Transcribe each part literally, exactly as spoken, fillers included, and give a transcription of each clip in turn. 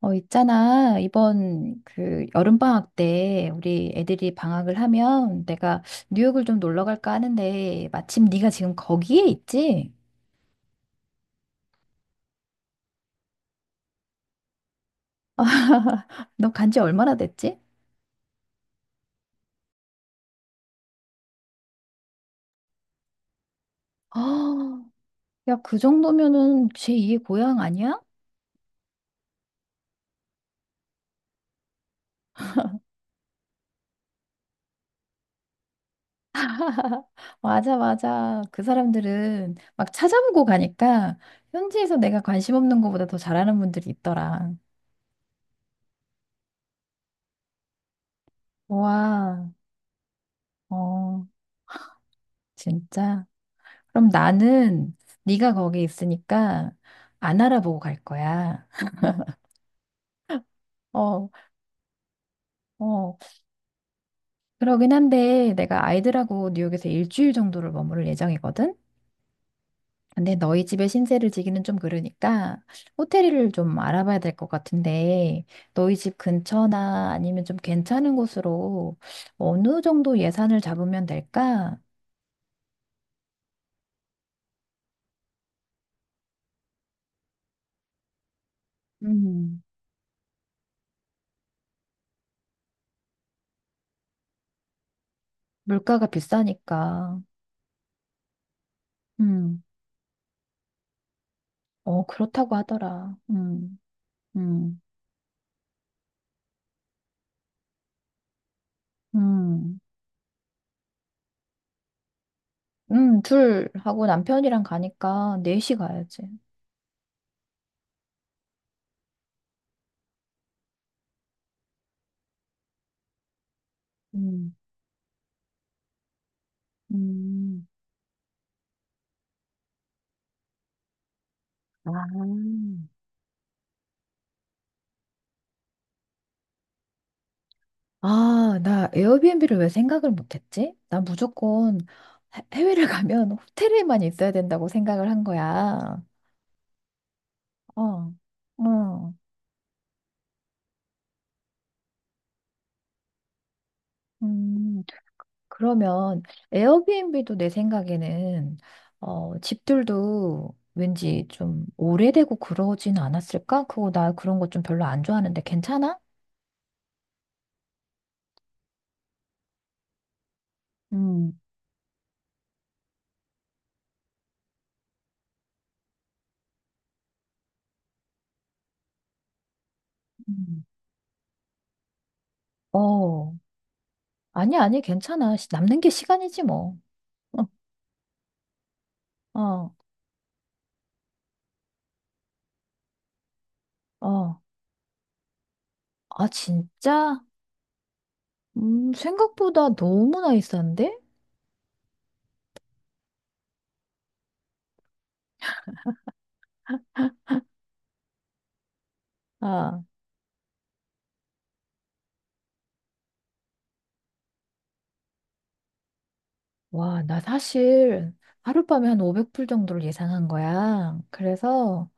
어, 있잖아. 이번 그 여름방학 때 우리 애들이 방학을 하면 내가 뉴욕을 좀 놀러 갈까 하는데, 마침 네가 지금 거기에 있지? 너 간지 얼마나 됐지? 아, 야, 그 정도면은 제이의 고향 아니야? 맞아, 맞아. 그 사람들은 막 찾아보고 가니까 현지에서 내가 관심 없는 것보다 더 잘하는 분들이 있더라. 와, 어, 진짜. 그럼 나는 네가 거기 있으니까 안 알아보고 갈 거야. 어, 어. 그러긴 한데 내가 아이들하고 뉴욕에서 일주일 정도를 머무를 예정이거든. 근데 너희 집에 신세를 지기는 좀 그러니까 호텔을 좀 알아봐야 될 것 같은데, 너희 집 근처나 아니면 좀 괜찮은 곳으로 어느 정도 예산을 잡으면 될까? 음, 물가가 비싸니까. 음, 어, 그렇다고 하더라. 음, 음, 음. 음, 둘 하고 남편이랑 가니까 넷시 가야지. 음. 음, 아, 아, 나 에어비앤비를 왜 생각을 못했지? 나 무조건 해- 해외를 가면 호텔에만 있어야 된다고 생각을 한 거야. 어, 어. 음, 그러면 에어비앤비도 내 생각에는 어, 집들도 왠지 좀 오래되고 그러진 않았을까? 그거 나 그런 거 좀 별로 안 좋아하는데 괜찮아? 음. 어, 아니, 아니, 괜찮아. 시- 남는 게 시간이지, 뭐. 어, 어, 어. 아, 진짜? 음, 생각보다 너무나 비싼데? 아, 와, 나 사실 하룻밤에 한 오백 불 정도를 예상한 거야. 그래서,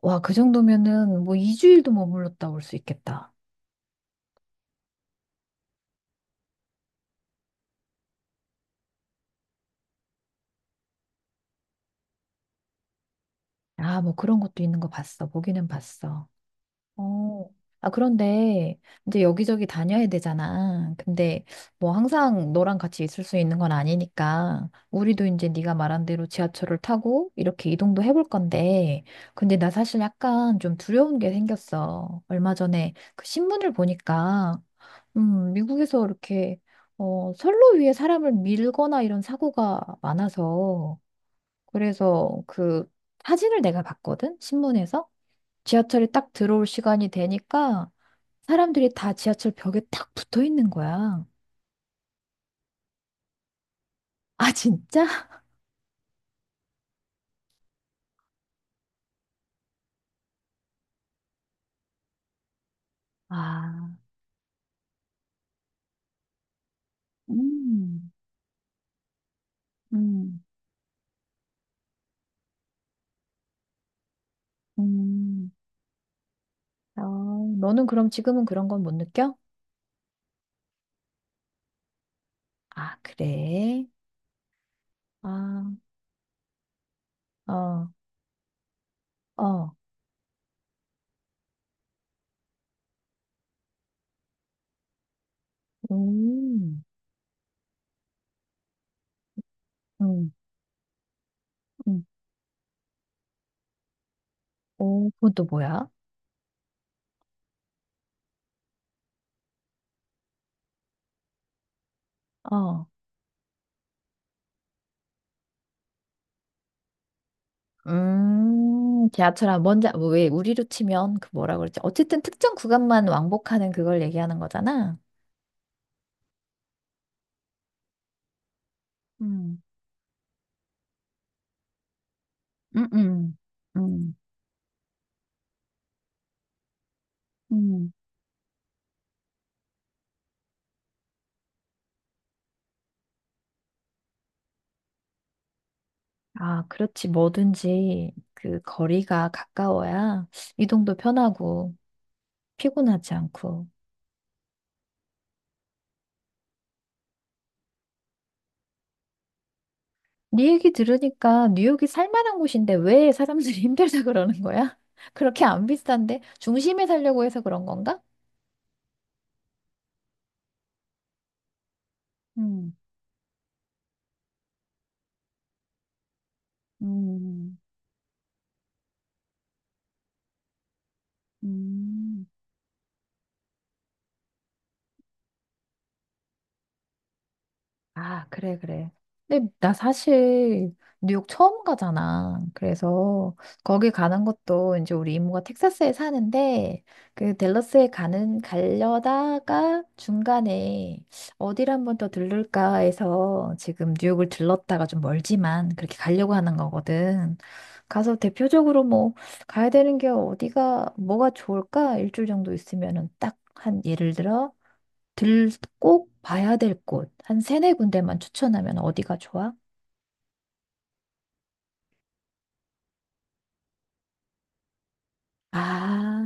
와, 그 정도면은 뭐 이 주일도 머물렀다 올 수 있겠다. 아, 뭐 그런 것도 있는 거 봤어. 보기는 봤어. 어. 아, 그런데 이제 여기저기 다녀야 되잖아. 근데 뭐 항상 너랑 같이 있을 수 있는 건 아니니까, 우리도 이제 네가 말한 대로 지하철을 타고 이렇게 이동도 해볼 건데, 근데 나 사실 약간 좀 두려운 게 생겼어. 얼마 전에 그 신문을 보니까 음, 미국에서 이렇게 어, 선로 위에 사람을 밀거나 이런 사고가 많아서 그래서 그 사진을 내가 봤거든, 신문에서. 지하철이 딱 들어올 시간이 되니까 사람들이 다 지하철 벽에 딱 붙어 있는 거야. 아, 진짜? 아, 음, 음, 음. 어, 너는 그럼 지금은 그런 건 못 느껴? 아, 그래? 아, 어, 어, 음, 음, 음. 오, 그건 또 뭐야? 어, 음, 지하철 안 먼저, 뭐 왜, 우리로 치면 그 뭐라 그러지? 어쨌든 특정 구간만 왕복하는 그걸 얘기하는 거잖아. 음 음, 음, 음. 음. 아, 그렇지. 뭐든지 그 거리가 가까워야 이동도 편하고 피곤하지 않고. 네 얘기 들으니까 뉴욕이 살만한 곳인데 왜 사람들이 힘들다 그러는 거야? 그렇게 안 비싼데 중심에 살려고 해서 그런 건가? 음, 음, 음. 아, 그래, 그래. 근데 나 사실 뉴욕 처음 가잖아. 그래서 거기 가는 것도 이제 우리 이모가 텍사스에 사는데, 그 댈러스에 가는 가려다가 중간에 어디를 한 번 더 들를까 해서 지금 뉴욕을 들렀다가 좀 멀지만 그렇게 가려고 하는 거거든. 가서 대표적으로 뭐 가야 되는 게 어디가 뭐가 좋을까? 일주일 정도 있으면은 딱 한 예를 들어 들, 꼭 봐야 될 곳, 한 세네 군데만 추천하면 어디가 좋아? 아,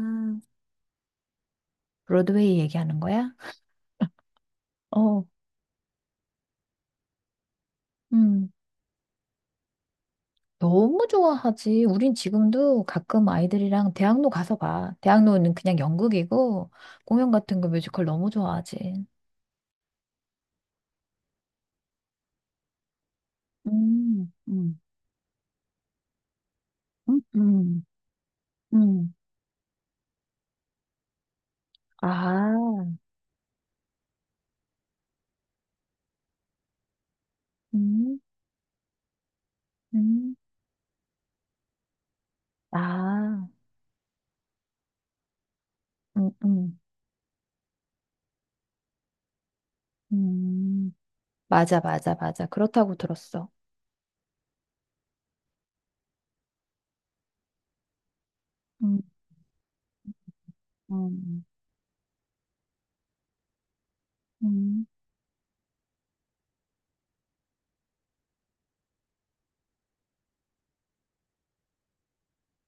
브로드웨이 얘기하는 거야? 어, 음, 너무 좋아하지. 우린 지금도 가끔 아이들이랑 대학로 가서 봐. 대학로는 그냥 연극이고, 공연 같은 거 뮤지컬 너무 좋아하지. 음, 음, 음, 음, 음. 아, 음, 음, 아, 음, 음, 음. 맞아, 맞아, 맞아. 그렇다고 들었어. 음, 음, 음.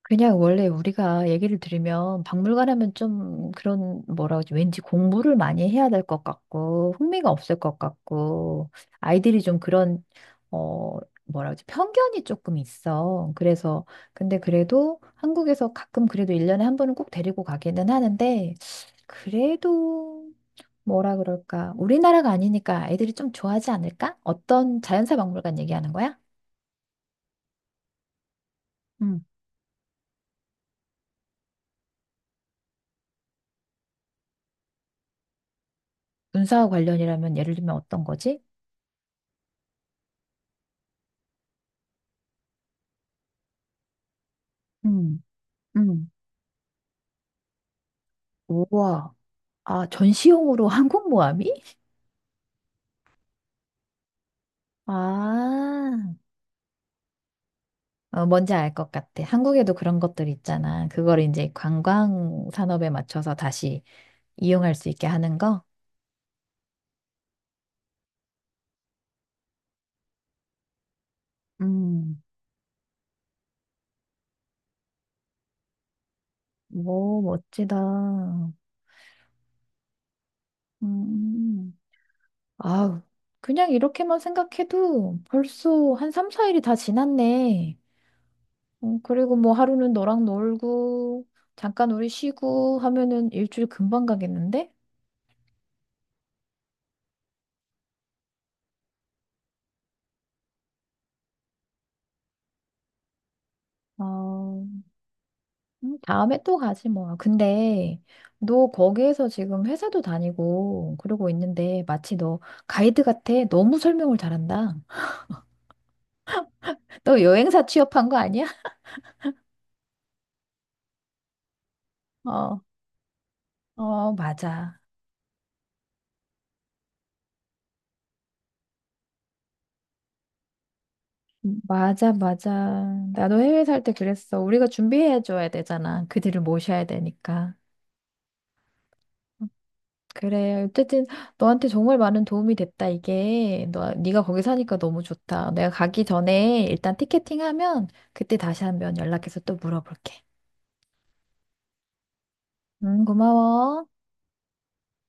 그냥 원래 우리가 얘기를 들으면 박물관 하면 좀 그런, 뭐라 그러지, 왠지 공부를 많이 해야 될 것 같고 흥미가 없을 것 같고 아이들이 좀 그런 어, 뭐라 그러지, 편견이 조금 있어. 그래서 근데 그래도 한국에서 가끔 그래도 일 년에 한 번은 꼭 데리고 가기는 하는데, 그래도 뭐라 그럴까 우리나라가 아니니까 아이들이 좀 좋아하지 않을까? 어떤 자연사 박물관 얘기하는 거야? 음, 문사와 관련이라면 예를 들면 어떤 거지? 음. 우와. 아, 전시용으로 한국 모아미? 아, 어, 뭔지 알 것 같아. 한국에도 그런 것들 있잖아. 그걸 이제 관광 산업에 맞춰서 다시 이용할 수 있게 하는 거? 음, 오, 멋지다. 음, 아우, 그냥 이렇게만 생각해도 벌써 한 삼, 사 일이 다 지났네. 어, 그리고 뭐 하루는 너랑 놀고, 잠깐 우리 쉬고 하면은 일주일 금방 가겠는데? 아, 음, 다음에 또 가지 뭐. 근데 너 거기에서 지금 회사도 다니고 그러고 있는데 마치 너 가이드 같아. 너무 설명을 잘한다. 너 여행사 취업한 거 아니야? 어, 어, 맞아. 맞아, 맞아. 나도 해외 살 때 그랬어. 우리가 준비해 줘야 되잖아. 그들을 모셔야 되니까. 그래. 어쨌든 너한테 정말 많은 도움이 됐다. 이게 너 네가 거기 사니까 너무 좋다. 내가 가기 전에 일단 티켓팅하면 그때 다시 한번 연락해서 또 물어볼게. 음, 고마워.